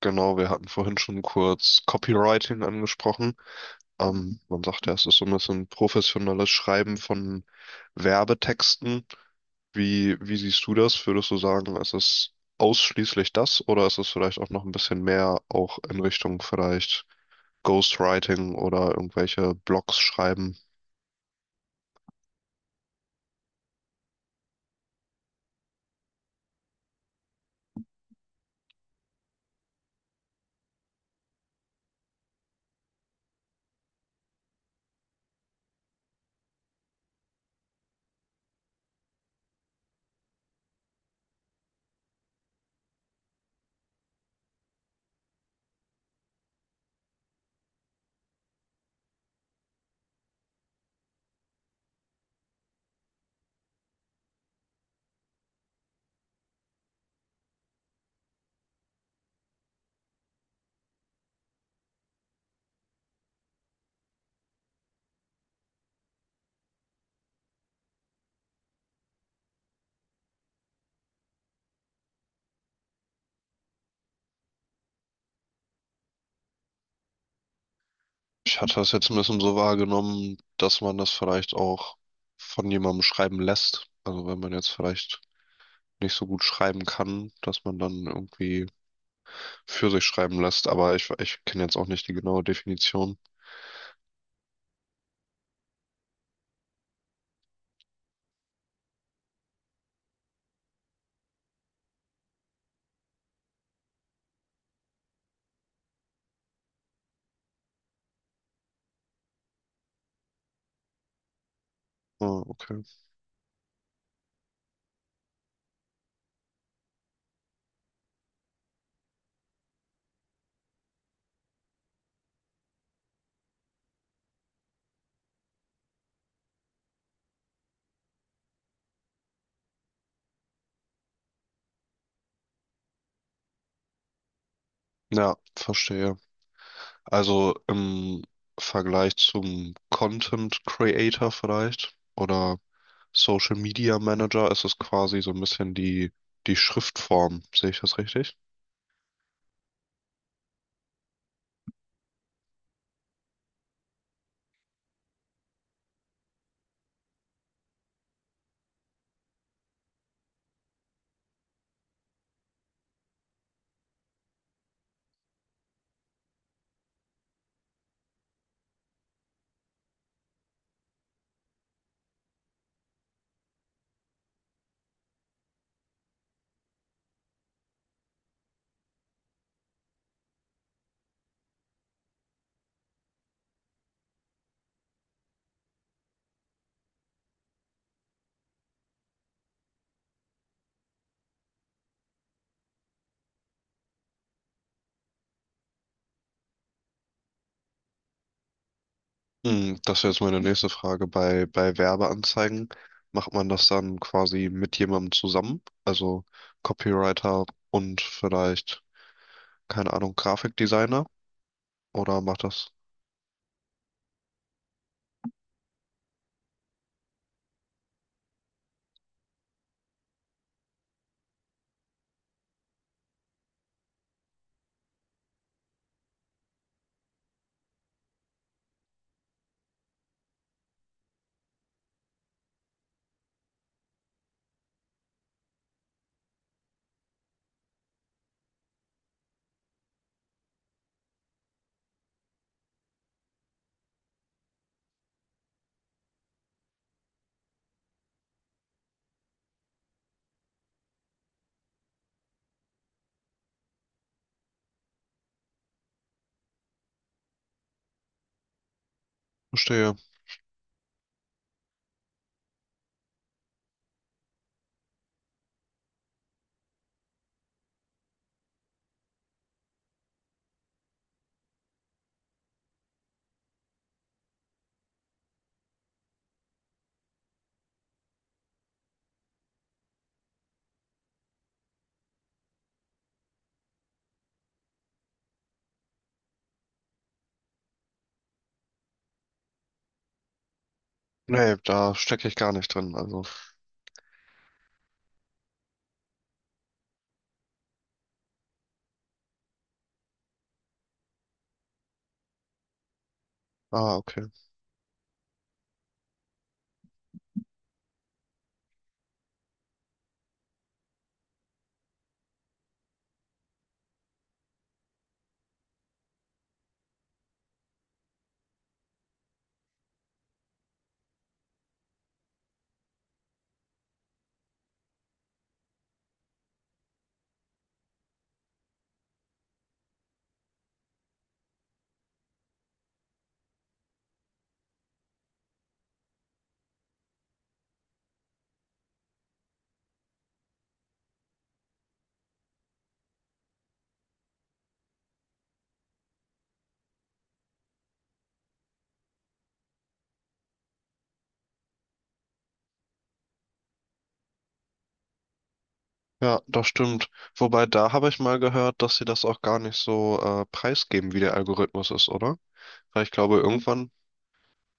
Genau, wir hatten vorhin schon kurz Copywriting angesprochen. Man sagt ja, es ist so ein bisschen professionelles Schreiben von Werbetexten. Wie siehst du das? Würdest du sagen, ist es ausschließlich das oder ist es vielleicht auch noch ein bisschen mehr auch in Richtung vielleicht Ghostwriting oder irgendwelche Blogs schreiben? Ich hatte das jetzt ein bisschen so wahrgenommen, dass man das vielleicht auch von jemandem schreiben lässt. Also wenn man jetzt vielleicht nicht so gut schreiben kann, dass man dann irgendwie für sich schreiben lässt, aber ich kenne jetzt auch nicht die genaue Definition. Ah, okay. Ja, verstehe. Also im Vergleich zum Content Creator vielleicht oder Social Media Manager ist es quasi so ein bisschen die Schriftform. Sehe ich das richtig? Hm. Das wäre jetzt meine nächste Frage. Bei Werbeanzeigen macht man das dann quasi mit jemandem zusammen? Also Copywriter und vielleicht, keine Ahnung, Grafikdesigner? Oder macht das? Verstehe. Nee, da stecke ich gar nicht drin. Also, ah, okay. Ja, das stimmt. Wobei, da habe ich mal gehört, dass sie das auch gar nicht so preisgeben, wie der Algorithmus ist, oder? Weil ich glaube, irgendwann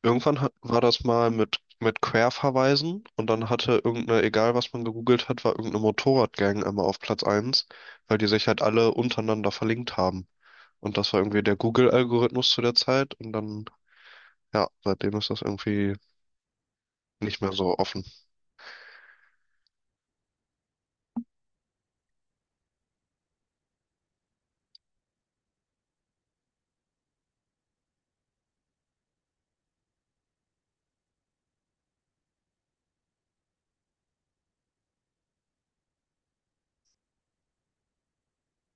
Irgendwann war das mal mit Querverweisen und dann hatte irgendeine, egal was man gegoogelt hat, war irgendeine Motorradgang einmal auf Platz 1, weil die sich halt alle untereinander verlinkt haben. Und das war irgendwie der Google-Algorithmus zu der Zeit, und dann, ja, seitdem ist das irgendwie nicht mehr so offen.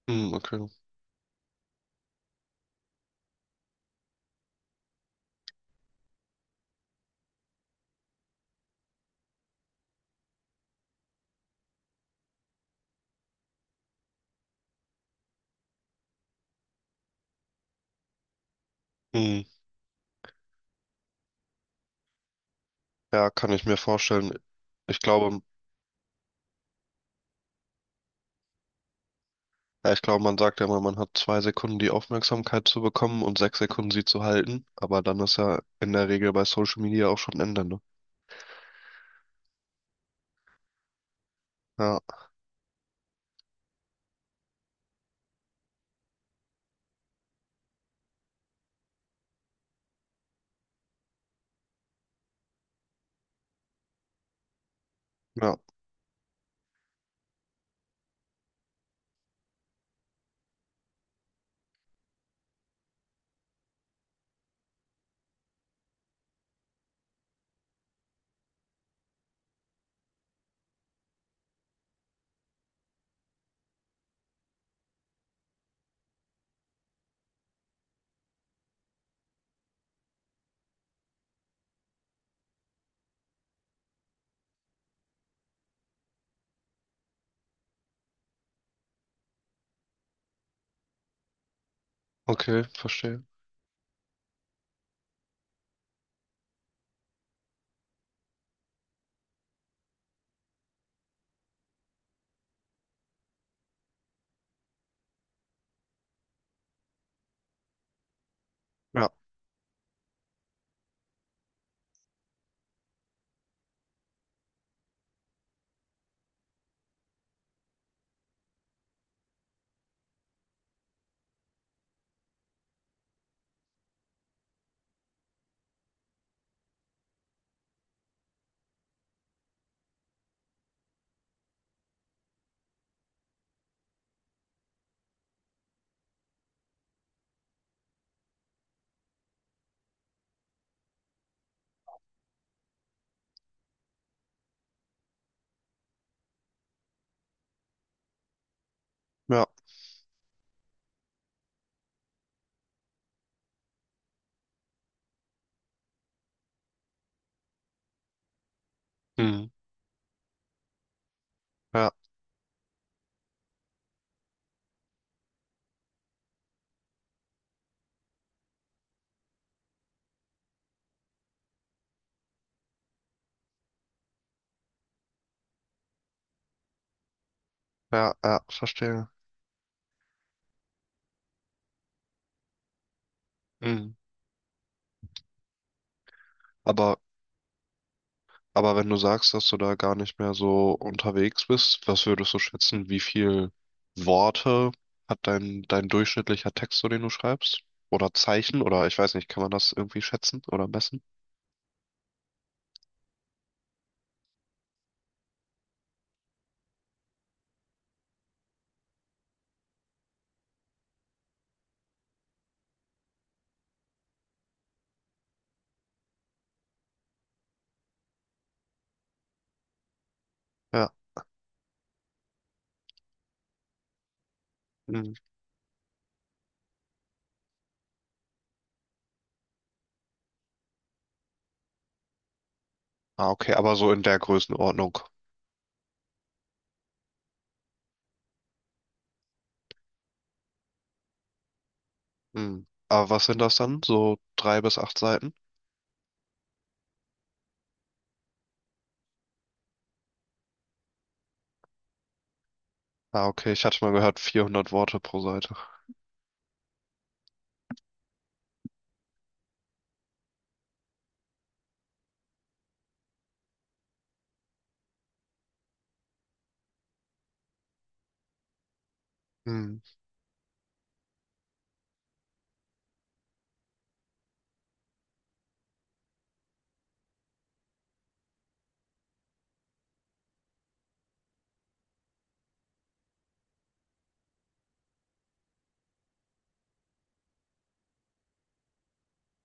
Hm, okay. Hm, ja, kann ich mir vorstellen. Ich glaube, Ja, ich glaube, man sagt ja immer, man hat 2 Sekunden die Aufmerksamkeit zu bekommen und 6 Sekunden sie zu halten. Aber dann ist ja in der Regel bei Social Media auch schon Ende, ne? Ja, ja, okay, verstehe. Ja, ja, mhm. Ja, ja, ja, verstehe. Mhm. Aber, aber wenn du sagst, dass du da gar nicht mehr so unterwegs bist, was würdest du schätzen, wie viel Worte hat dein durchschnittlicher Text, so den du schreibst? Oder Zeichen? Oder ich weiß nicht, kann man das irgendwie schätzen oder messen? Ja. Ah, okay, aber so in der Größenordnung. Hm. Aber was sind das dann? So 3 bis 8 Seiten? Ah, okay, ich hatte mal gehört, 400 Worte pro Seite. Hm.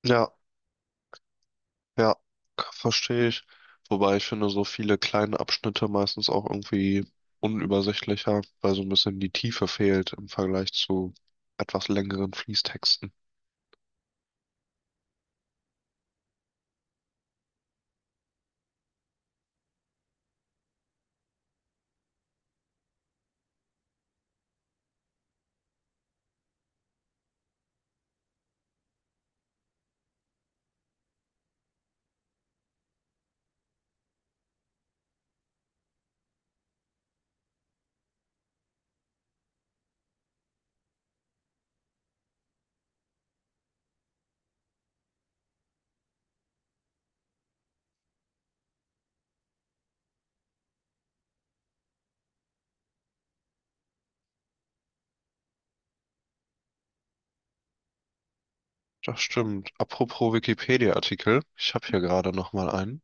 Ja. Ja, verstehe ich. Wobei ich finde, so viele kleine Abschnitte meistens auch irgendwie unübersichtlicher, weil so ein bisschen die Tiefe fehlt im Vergleich zu etwas längeren Fließtexten. Das stimmt. Apropos Wikipedia-Artikel, ich habe hier gerade noch mal einen.